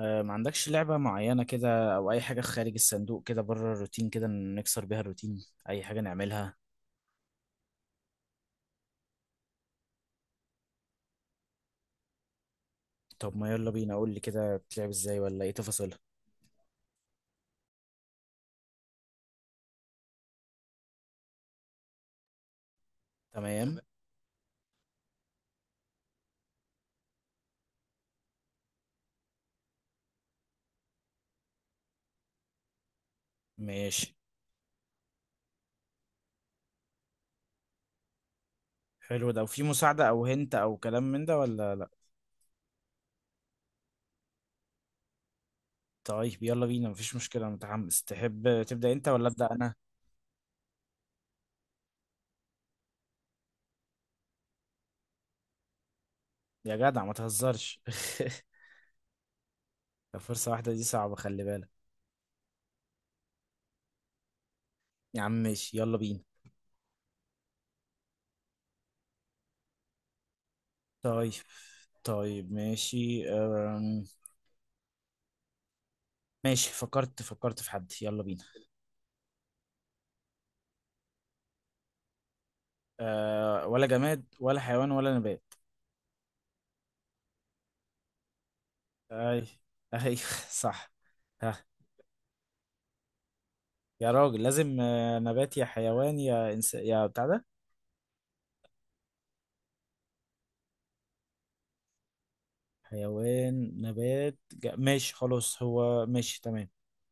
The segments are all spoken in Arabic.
ما عندكش لعبة معينة كده، أو أي حاجة خارج الصندوق كده، بره الروتين، كده نكسر بيها الروتين، أي حاجة نعملها؟ طب ما يلا بينا، قول لي كده بتلعب إزاي ولا إيه تفاصيلها؟ تمام. ماشي. حلو ده، وفي مساعدة أو هنت أو كلام من ده ولا لأ؟ طيب يلا بينا، مفيش مشكلة، أنا متحمس. تحب تبدأ أنت ولا أبدأ أنا؟ يا جدع ما تهزرش. فرصة واحدة دي صعبة، خلي بالك. يا عم ماشي، يلا بينا. طيب، طيب، ماشي. ماشي، فكرت في حد، يلا بينا. آه، ولا جماد ولا حيوان ولا نبات. اي، اي، صح. ها. يا راجل، لازم نبات يا حيوان يا يا بتاع ده. حيوان، نبات، ماشي خلاص، هو ماشي تمام.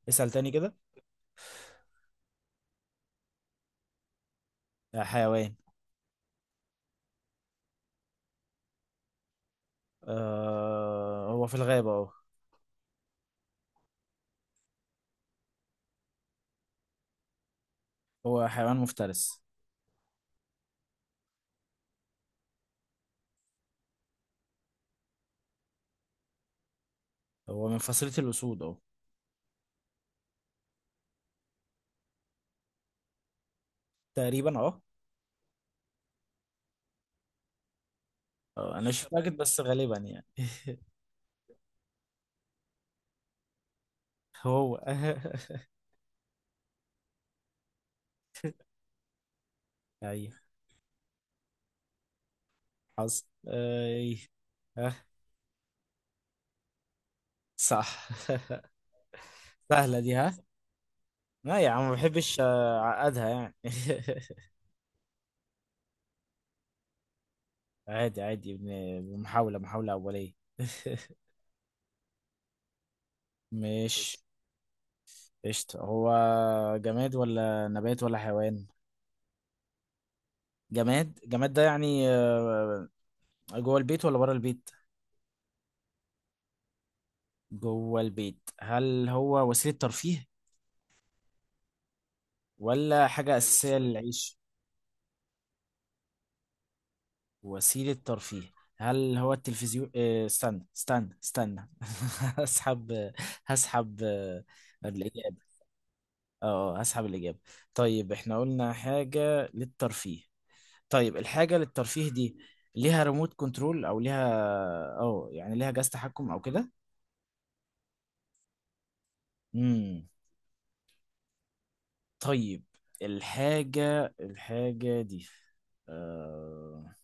اسأل تاني كده. آه، حيوان. آه، هو في الغابة، اه. هو حيوان مفترس. هو من فصيلة الأسود، اه. تقريبا، اه. آه، انا مش متأكد بس غالبا يعني. هو. ايوه. حصل اي؟ ها. صح. سهلة دي؟ ها. لا يا عم، ما بحبش اعقدها يعني. عادي، عادي، محاولة أولية. مش قشطة. هو جماد ولا نبات ولا حيوان؟ جماد. ده يعني جوه البيت ولا بره البيت؟ جوه البيت. هل هو وسيلة ترفيه، ولا حاجة أساسية للعيش؟ وسيلة ترفيه. هل هو التلفزيون؟ آه، استنى استنى استنى. هسحب. هسحب الإجابة. اه، هسحب الإجابة. طيب، احنا قلنا حاجة للترفيه. طيب، الحاجة للترفيه دي ليها ريموت كنترول او ليها، اه يعني ليها جهاز تحكم او كده؟ امم. طيب، الحاجة دي آه...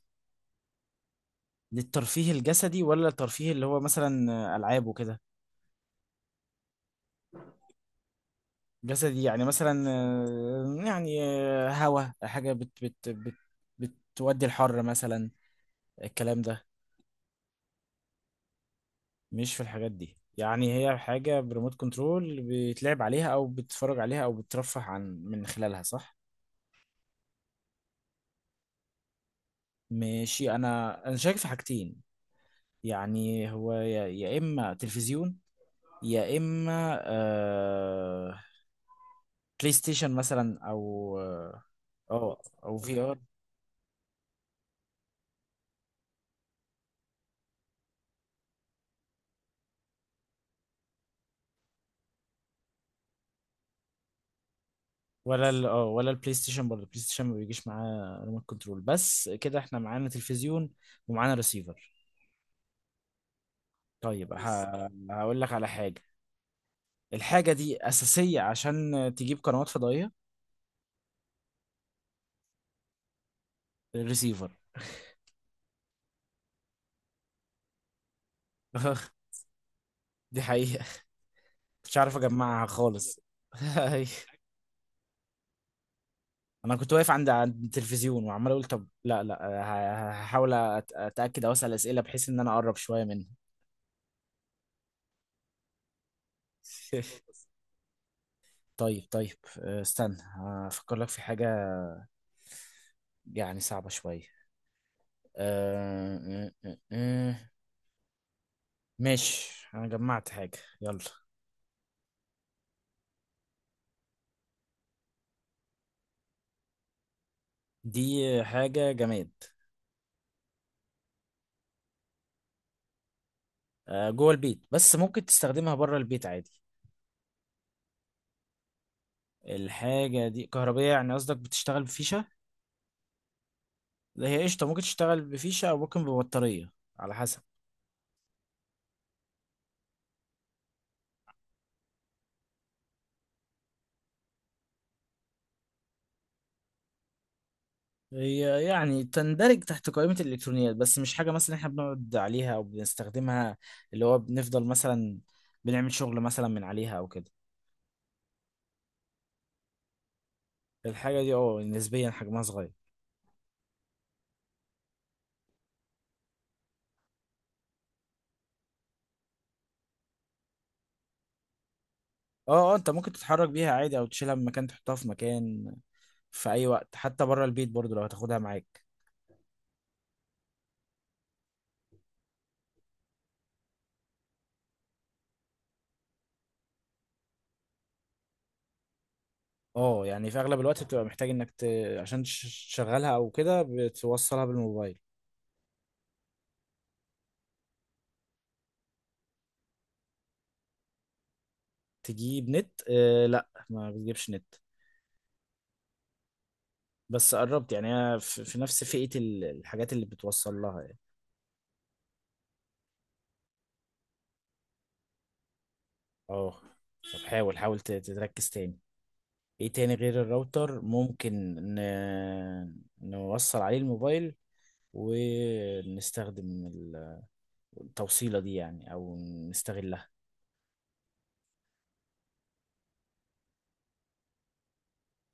للترفيه الجسدي، ولا الترفيه اللي هو مثلا ألعاب وكده؟ جسدي يعني مثلا، يعني هوا حاجة بت بت بت بتودي الحر مثلا، الكلام ده. مش في الحاجات دي، يعني هي حاجة بريموت كنترول بيتلعب عليها أو بتتفرج عليها أو بترفه عن من خلالها، صح؟ ماشي، أنا شايف في حاجتين. يعني هو يا إما تلفزيون، يا إما بلاي ستيشن مثلا، أو أو أو في آر. ولا ال آه ولا البلاي ستيشن. برضه البلاي ستيشن ما بيجيش معاه ريموت كنترول. بس كده إحنا معانا تلفزيون ومعانا ريسيفر. طيب بس هقول لك على حاجة. الحاجة دي أساسية عشان تجيب قنوات فضائية. الريسيفر. دي حقيقة. مش عارف أجمعها خالص. أيوة. أنا كنت واقف عند التلفزيون وعمال أقول: طب، لا، لا، هحاول أتأكد، أو أسأل أسئلة بحيث إن أنا أقرب شوية منه. طيب، طيب، استنى، هفكر لك في حاجة. يعني صعبة شوية. أه، أه، أه، أه. ماشي، أنا جمعت حاجة، يلا. دي حاجة جماد. أه، جوه البيت، بس ممكن تستخدمها بره البيت عادي. الحاجة دي كهربية، يعني قصدك بتشتغل بفيشة؟ لا، هي قشطة ممكن تشتغل بفيشة أو ممكن ببطارية. على حسب. هي يعني تندرج تحت قائمة الإلكترونيات، بس مش حاجة مثلا إحنا بنقعد عليها أو بنستخدمها، اللي هو بنفضل مثلا بنعمل شغل مثلا من عليها أو كده. الحاجة دي نسبيا حجمها صغير. أه، أه، أنت ممكن تتحرك بيها عادي أو تشيلها من مكان، تحطها في مكان، في أي وقت، حتى بره البيت برضو لو هتاخدها معاك. أه، يعني في أغلب الوقت بتبقى محتاج إنك عشان تشغلها أو كده بتوصلها بالموبايل. تجيب نت؟ آه، لا، ما بتجيبش نت. بس قربت، يعني هي في نفس فئة الحاجات اللي بتوصل لها يعني. اه. طب، حاول حاول تركز تاني. ايه تاني غير الراوتر ممكن نوصل عليه الموبايل، ونستخدم التوصيلة دي يعني، او نستغلها.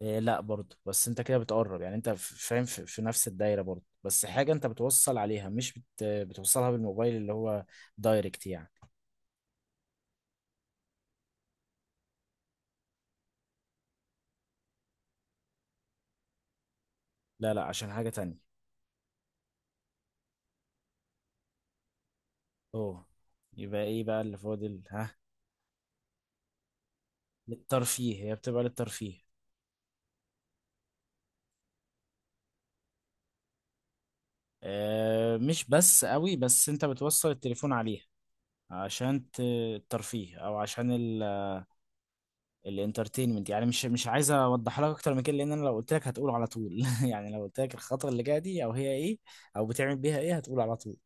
إيه، لا برضه، بس انت كده بتقرب يعني، انت فاهم، في نفس الدايرة برضه، بس حاجة انت بتوصل عليها، مش بتوصلها بالموبايل اللي هو دايركت يعني. لا، لا، عشان حاجة تانية. اوه. يبقى ايه بقى اللي فاضل؟ ها. للترفيه، هي بتبقى للترفيه. آه، مش بس قوي، بس انت بتوصل التليفون عليها عشان الترفيه، او عشان الانترتينمنت يعني. مش عايز اوضح لك اكتر من كده، لان انا لو قلت لك هتقول على طول. يعني لو قلت لك الخطوه اللي جايه دي او هي ايه، او بتعمل بيها ايه، هتقول على طول.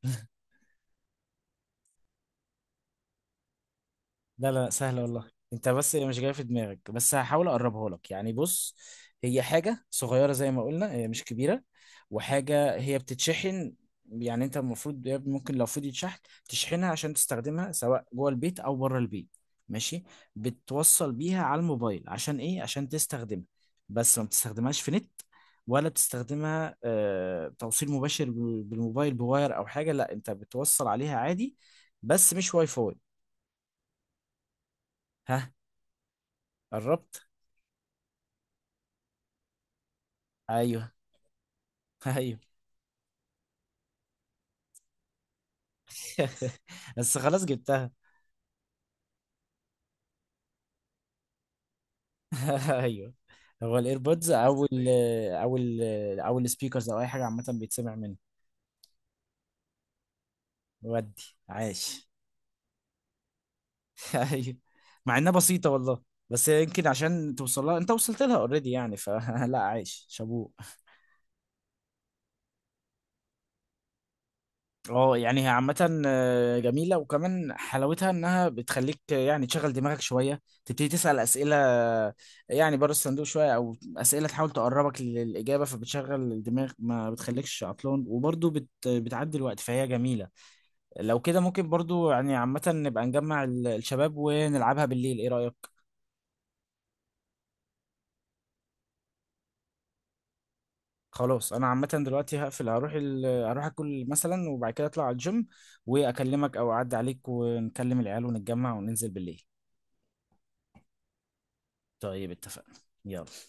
لا، لا، سهلة والله. انت بس مش جاي في دماغك. بس هحاول اقربها لك يعني، بص. هي حاجة صغيرة زي ما قلنا، هي مش كبيرة. وحاجة هي بتتشحن. يعني انت المفروض يا ابني، ممكن لو فضيت شحن تشحنها عشان تستخدمها، سواء جوه البيت او بره البيت. ماشي. بتوصل بيها على الموبايل عشان ايه؟ عشان تستخدمها. بس ما بتستخدمهاش في نت، ولا بتستخدمها توصيل مباشر بالموبايل بواير او حاجة. لا، انت بتوصل عليها عادي. بس مش واي فاي. ها، قربت. ايوه. ايوه. بس خلاص، جبتها. ايوه. هو الايربودز، او او او السبيكرز، او اي حاجه عامه بيتسمع منه. ودي. عاش. ايوه. مع انها بسيطه والله. بس يمكن عشان توصل لها، انت وصلت لها اوريدي يعني، فلا. عايش، شابوه. اه، يعني هي عامة جميلة، وكمان حلاوتها انها بتخليك يعني تشغل دماغك شوية، تبتدي تسأل اسئلة، يعني بره الصندوق شوية، او اسئلة تحاول تقربك للإجابة، فبتشغل الدماغ، ما بتخليكش عطلان، وبرضه بتعدي الوقت، فهي جميلة. لو كده، ممكن برضه يعني عامة نبقى نجمع الشباب ونلعبها بالليل، ايه رأيك؟ خلاص، انا عامة دلوقتي هقفل، هروح اكل مثلا، وبعد كده اطلع على الجيم، واكلمك او اعدي عليك، ونكلم العيال، ونتجمع وننزل بالليل. طيب، اتفقنا. يلا.